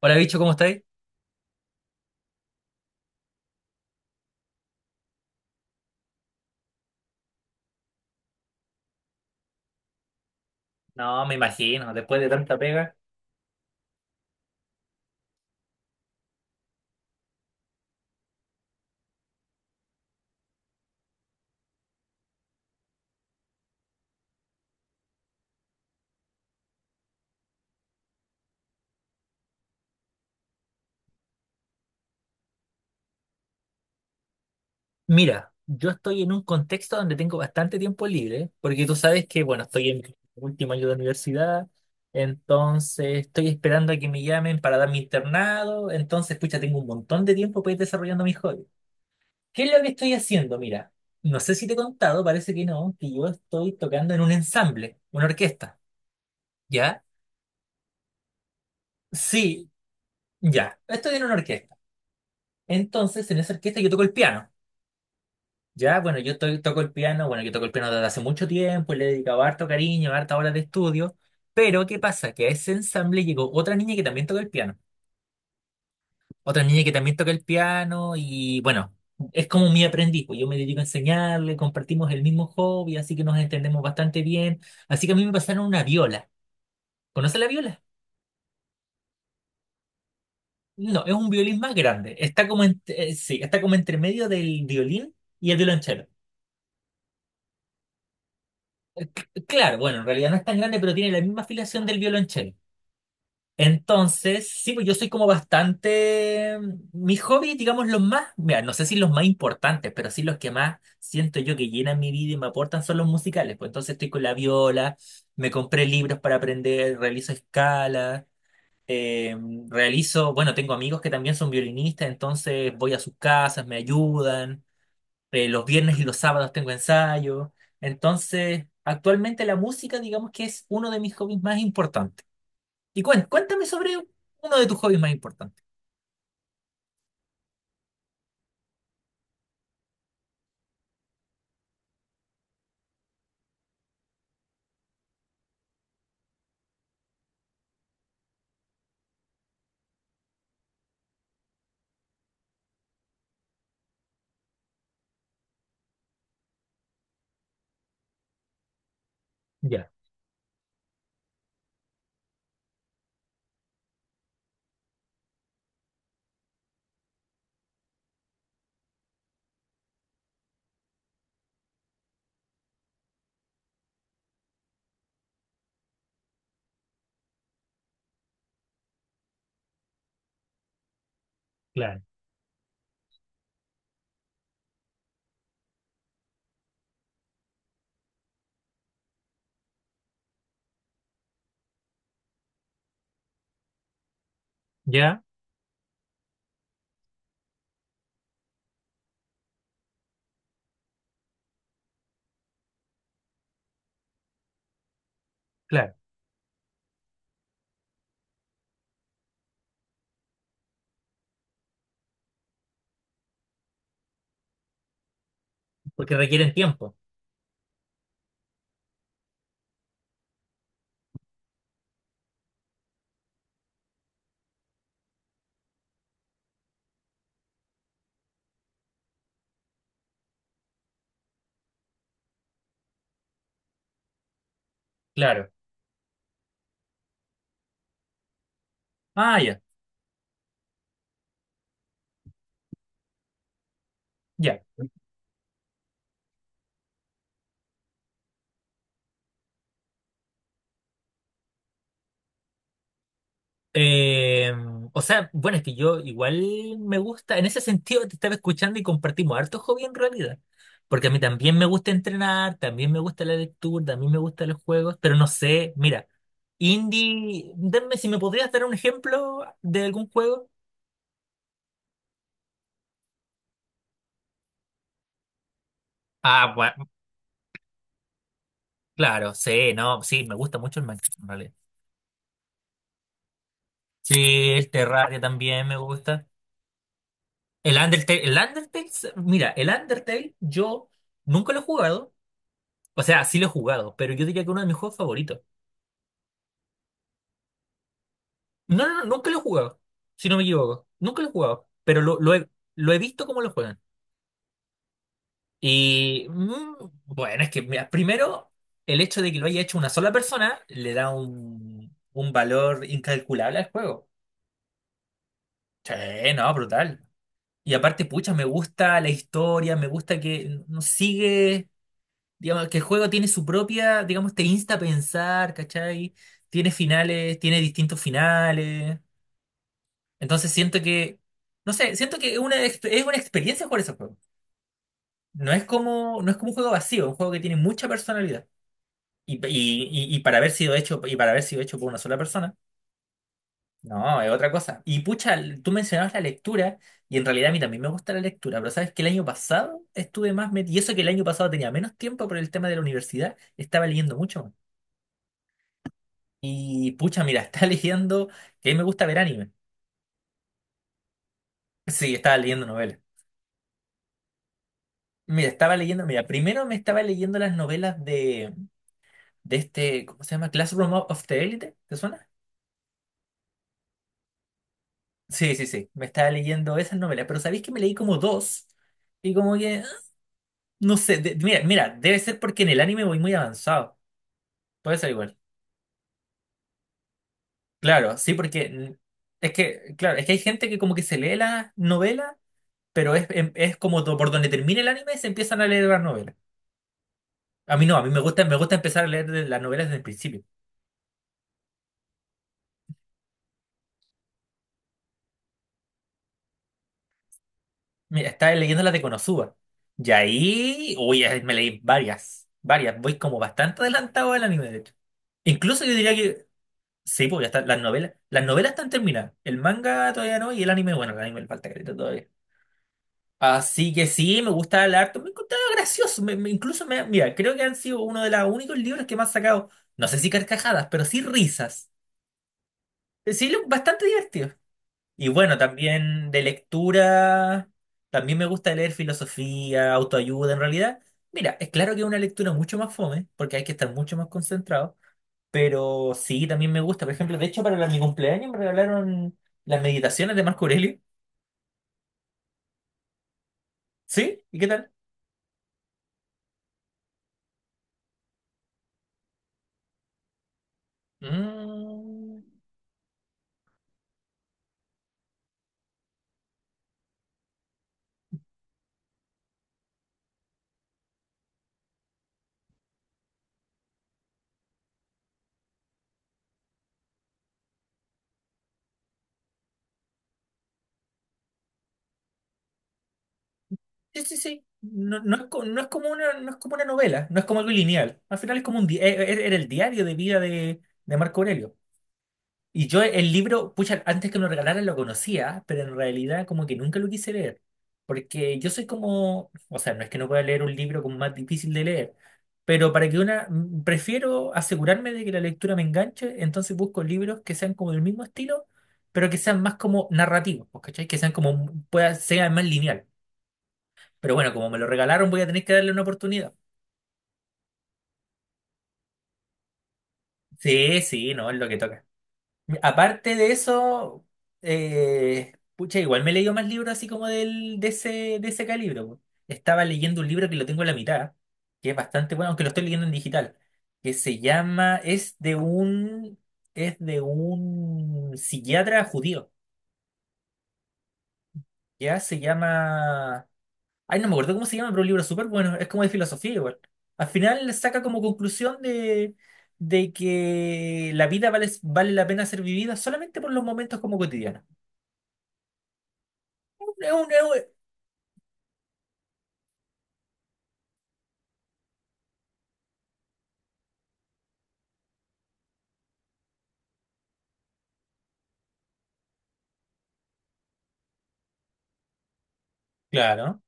Hola, bicho, ¿cómo estáis? No, me imagino, después de tanta pega. Mira, yo estoy en un contexto donde tengo bastante tiempo libre, porque tú sabes que, bueno, estoy en mi último año de universidad, entonces estoy esperando a que me llamen para dar mi internado, entonces, pucha, tengo un montón de tiempo para ir desarrollando mis hobbies. ¿Qué es lo que estoy haciendo? Mira, no sé si te he contado, parece que no, que yo estoy tocando en un ensamble, una orquesta, ¿ya? Sí, ya, estoy en una orquesta. Entonces, en esa orquesta yo toco el piano. Ya, bueno, toco el piano, bueno, yo toco el piano desde hace mucho tiempo, y le he dedicado harto cariño, harta horas de estudio, pero ¿qué pasa? Que a ese ensamble llegó otra niña que también toca el piano, otra niña que también toca el piano y bueno, es como mi aprendiz, pues yo me dedico a enseñarle, compartimos el mismo hobby, así que nos entendemos bastante bien, así que a mí me pasaron una viola. ¿Conoce la viola? No, es un violín más grande, está como, sí, está como entre medio del violín y el violonchelo. Claro, bueno, en realidad no es tan grande, pero tiene la misma afiliación del violonchelo. Entonces, sí, pues yo soy como bastante. Mis hobbies, digamos, los más. Mira, no sé si los más importantes, pero sí los que más siento yo que llenan mi vida y me aportan son los musicales. Pues entonces estoy con la viola, me compré libros para aprender, realizo escalas, eh, realizo. Bueno, tengo amigos que también son violinistas, entonces voy a sus casas, me ayudan. Los viernes y los sábados tengo ensayo. Entonces, actualmente la música, digamos que es uno de mis hobbies más importantes. Y cuéntame sobre uno de tus hobbies más importantes. Ya, claro. Ya, claro. Porque requieren tiempo. Claro. Ah, ya, ya. Eh, o sea, bueno, es que yo igual me gusta, en ese sentido te estaba escuchando y compartimos harto hobby en realidad. Porque a mí también me gusta entrenar, también me gusta la lectura, también me gustan los juegos, pero no sé, mira, indie, denme si me podrías dar un ejemplo de algún juego. Ah, bueno, claro, sí, no, sí, me gusta mucho el Minecraft. En Sí, el Terraria también me gusta. El Undertale, mira, el Undertale yo nunca lo he jugado. O sea, sí lo he jugado, pero yo diría que uno de mis juegos favoritos. No, no, no, nunca lo he jugado, si no me equivoco. Nunca lo he jugado, pero lo he visto cómo lo juegan. Y bueno, es que, mira, primero, el hecho de que lo haya hecho una sola persona le da un valor incalculable al juego. Sí, no, brutal. Y aparte, pucha, me gusta la historia, me gusta que sigue. Digamos que el juego tiene su propia, digamos, te insta a pensar, ¿cachai? Tiene finales, tiene distintos finales. Entonces siento que, no sé, siento que es una, es una experiencia jugar ese juego. No es como, no es como un juego vacío, un juego que tiene mucha personalidad. Y, y, y para haber sido hecho, y para haber sido hecho por una sola persona, no, es otra cosa. Y pucha, tú mencionabas la lectura, y en realidad a mí también me gusta la lectura, pero sabes que el año pasado estuve más metido, y eso que el año pasado tenía menos tiempo por el tema de la universidad, estaba leyendo mucho más. Y pucha, mira, estaba leyendo, que a mí me gusta ver anime. Sí, estaba leyendo novelas. Mira, estaba leyendo, mira, primero me estaba leyendo las novelas de este, ¿cómo se llama? Classroom of the Elite, ¿te suena? Sí, sí, sí, me estaba leyendo esas novelas, pero ¿sabéis que me leí como dos? Y como que, ah, no sé, mira, mira, debe ser porque en el anime voy muy avanzado, puede ser igual. Claro, sí, porque es que, claro, es que hay gente que como que se lee las novelas, pero es, es como por donde termina el anime se empiezan a leer las novelas. A mí no, a mí me gusta empezar a leer las novelas desde el principio. Mira, estaba leyendo las de Konosuba. Y ahí, uy, ahí me leí varias, varias. Voy como bastante adelantado al anime, de hecho. Incluso yo diría que, sí, porque hasta las novelas están terminadas. El manga todavía no y el anime, bueno, el anime le falta careta todavía. Así que sí, me gusta el arte, me encontraba gracioso. Incluso, me, mira, creo que han sido uno de los únicos libros que me han sacado, no sé si carcajadas, pero sí risas. Sí, bastante divertido. Y bueno, también de lectura, también me gusta leer filosofía, autoayuda en realidad. Mira, es claro que es una lectura mucho más fome, porque hay que estar mucho más concentrado, pero sí, también me gusta. Por ejemplo, de hecho, para mi cumpleaños me regalaron las meditaciones de Marco Aurelio. ¿Sí? ¿Y qué tal? Mm, sí, sí, sí. No, no es, no es como una, no es como una novela, no es como algo lineal. Al final es como un era el diario de vida de Marco Aurelio. Y yo el libro, pucha, antes que me lo regalaran lo conocía, pero en realidad como que nunca lo quise leer, porque yo soy como, o sea, no es que no pueda leer un libro como más difícil de leer, pero para que una, prefiero asegurarme de que la lectura me enganche, entonces busco libros que sean como del mismo estilo, pero que sean más como narrativos, pues, ¿cachai? Que sean como, pueda, sea más lineal. Pero bueno, como me lo regalaron, voy a tener que darle una oportunidad. Sí, sí, no, es lo que toca. Aparte de eso, pucha, igual me he leído más libros así como del, de ese calibre. Po. Estaba leyendo un libro que lo tengo en la mitad, que es bastante bueno, aunque lo estoy leyendo en digital, que se llama, es de un psiquiatra judío, ya se llama, ay, no me acuerdo cómo se llama, pero un libro súper bueno, es como de filosofía igual. Al final saca como conclusión de que la vida vale, vale la pena ser vivida solamente por los momentos como cotidianos. es un- es un- Claro,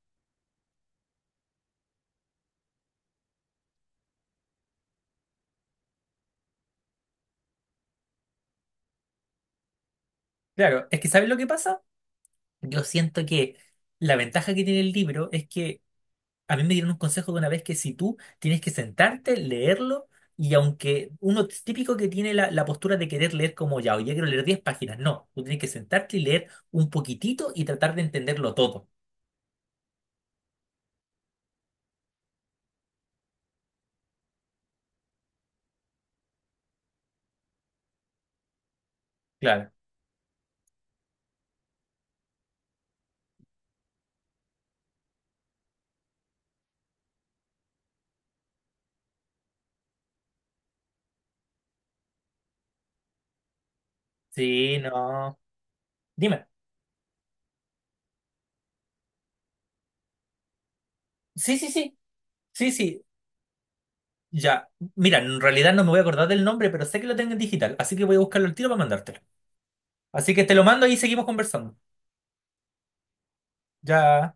claro. Es que ¿sabes lo que pasa? Yo siento que la ventaja que tiene el libro es que a mí me dieron un consejo de una vez que si tú tienes que sentarte, leerlo, y aunque uno es típico que tiene la postura de querer leer como ya, hoy quiero leer 10 páginas, no, tú tienes que sentarte y leer un poquitito y tratar de entenderlo todo. Claro. Sí, no. Dime. Sí, sí, sí. Sí, sí. Ya. Mira, en realidad no me voy a acordar del nombre, pero sé que lo tengo en digital, así que voy a buscarlo al tiro para mandártelo. Así que te lo mando y seguimos conversando. Ya.